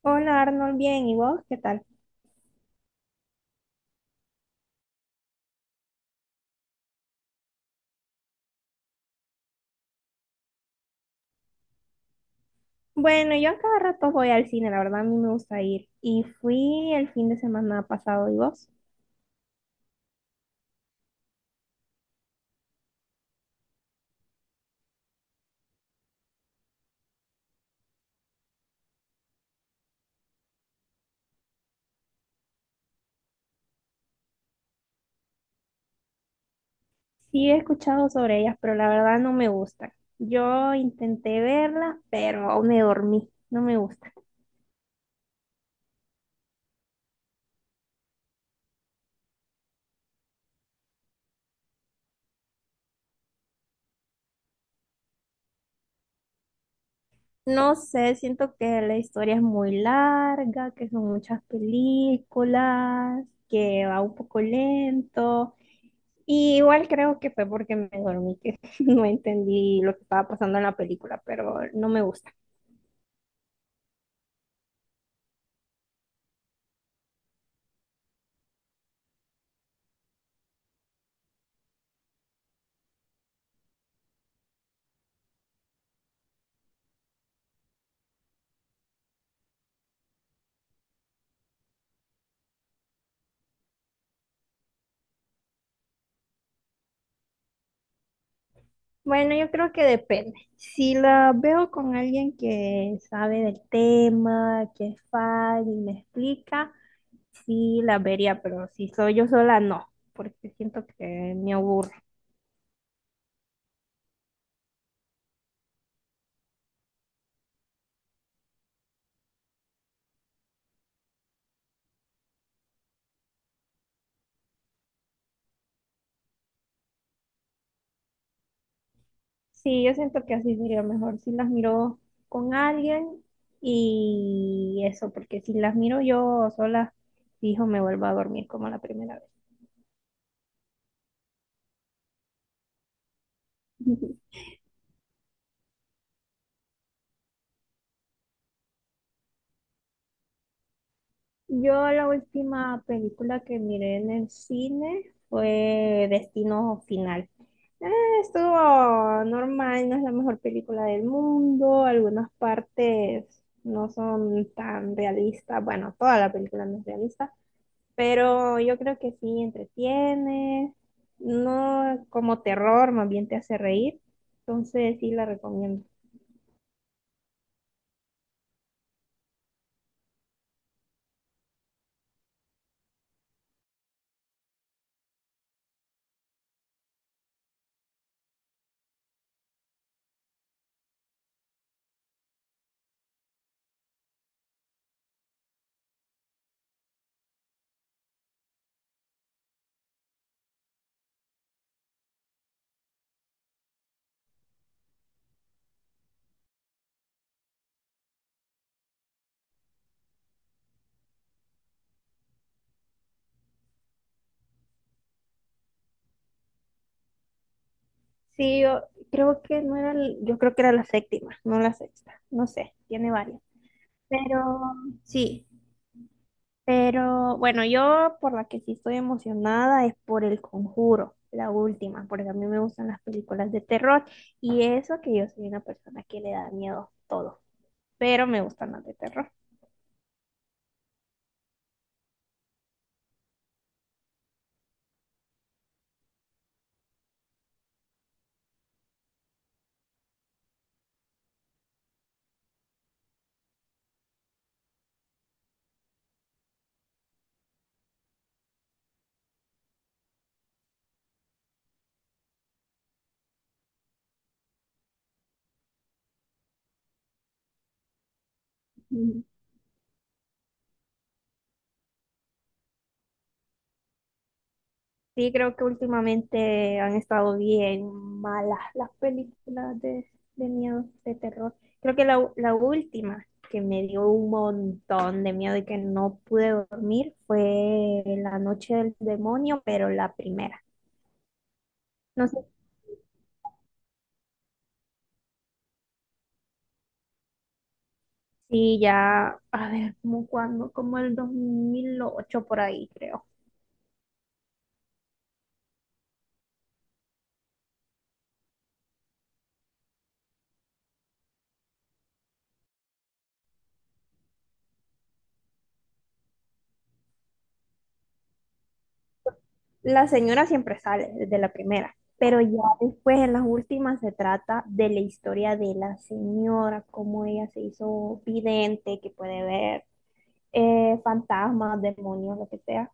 Hola Arnold, bien, ¿y vos qué tal? Bueno, yo a cada rato voy al cine, la verdad a mí me gusta ir. Y fui el fin de semana pasado, ¿y vos? Sí he escuchado sobre ellas, pero la verdad no me gustan. Yo intenté verlas, pero me dormí, no me gusta. No sé, siento que la historia es muy larga, que son muchas películas, que va un poco lento. Y igual creo que fue porque me dormí, que no entendí lo que estaba pasando en la película, pero no me gusta. Bueno, yo creo que depende. Si la veo con alguien que sabe del tema, que es fan y me explica, sí la vería, pero si soy yo sola, no, porque siento que me aburro. Sí, yo siento que así sería mejor si las miro con alguien y eso, porque si las miro yo sola, fijo, me vuelvo a dormir como la primera vez. Yo la última película que miré en el cine fue Destino Final. Eh, Estuvo normal, no es la mejor película del mundo, algunas partes no son tan realistas, bueno, toda la película no es realista, pero yo creo que sí entretiene, no como terror, más bien te hace reír, entonces sí la recomiendo. Sí, yo creo que no era, yo creo que era la séptima, no la sexta, no sé, tiene varias. Pero, sí, pero bueno, yo por la que sí estoy emocionada es por El Conjuro, la última, porque a mí me gustan las películas de terror y eso que yo soy una persona que le da miedo todo, pero me gustan las de terror. Sí, creo que últimamente han estado bien malas las películas de miedo, de terror. Creo que la última que me dio un montón de miedo y que no pude dormir fue La Noche del Demonio, pero la primera. No sé si ya, a ver, como cuando, como el 2008 por ahí, creo. La señora siempre sale desde la primera, pero ya después en las últimas se trata de la historia de la señora, cómo ella se hizo vidente, que puede ver fantasmas, demonios, lo que sea.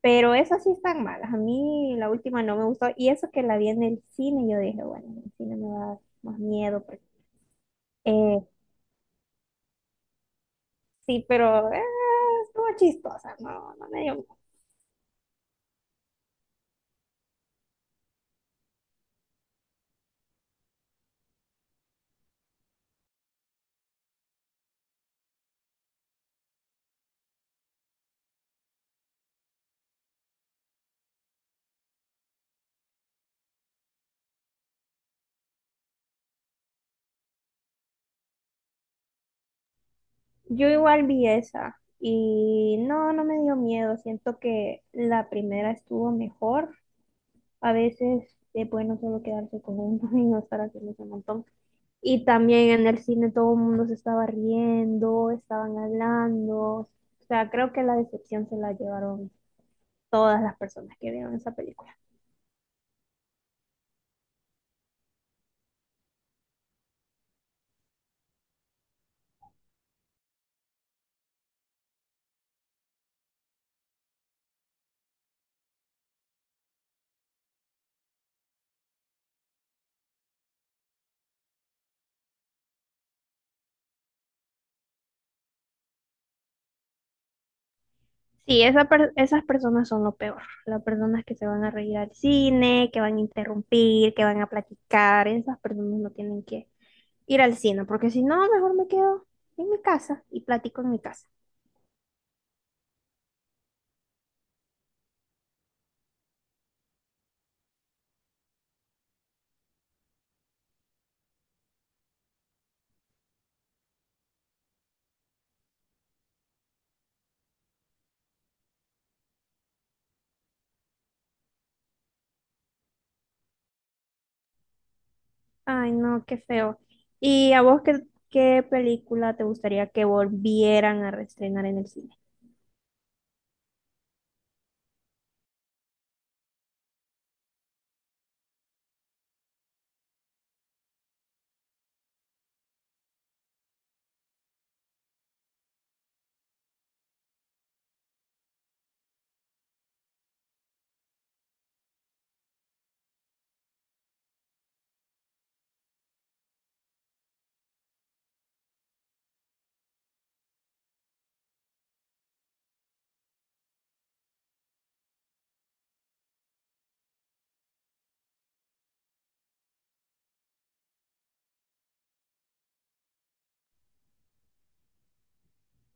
Pero esas sí están malas. A mí la última no me gustó y eso que la vi en el cine, yo dije, bueno, en el cine me va a dar más miedo. Eh, sí, pero estuvo chistosa, no, no me dio miedo. Yo igual vi esa y no, no me dio miedo. Siento que la primera estuvo mejor. A veces es bueno solo quedarse con uno y no estar haciendo ese montón. Y también en el cine todo el mundo se estaba riendo, estaban hablando. O sea, creo que la decepción se la llevaron todas las personas que vieron esa película. Sí, esas personas son lo peor. Las personas que se van a reír al cine, que van a interrumpir, que van a platicar, esas personas no tienen que ir al cine, porque si no, mejor me quedo en mi casa y platico en mi casa. Ay, no, qué feo. ¿Y a vos qué película te gustaría que volvieran a reestrenar en el cine?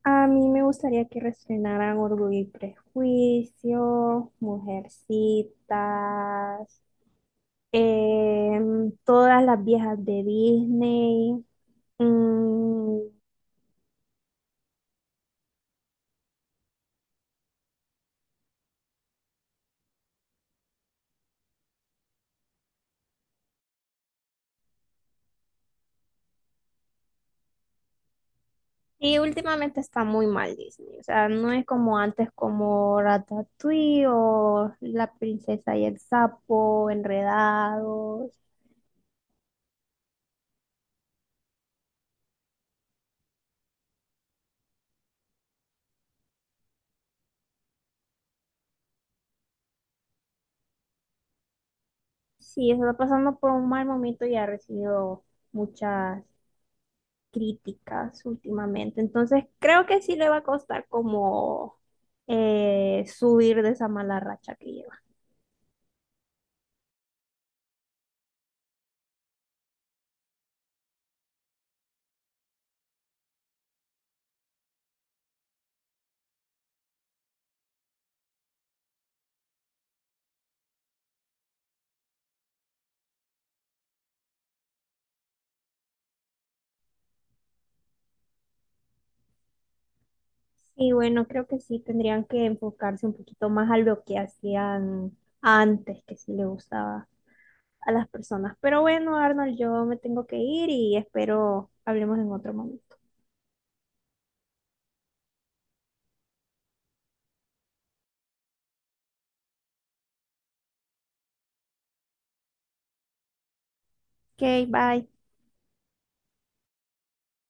A mí me gustaría que reestrenaran Orgullo y Prejuicio, Mujercitas, todas las viejas de Disney. Mm, y últimamente está muy mal Disney, o sea, no es como antes como Ratatouille o La princesa y el sapo, Enredados. Sí, está pasando por un mal momento y ha recibido muchas críticas últimamente. Entonces creo que sí le va a costar como subir de esa mala racha que lleva. Y bueno, creo que sí tendrían que enfocarse un poquito más a lo que hacían antes, que sí le gustaba a las personas. Pero bueno, Arnold, yo me tengo que ir y espero hablemos en otro momento. Ok, bye.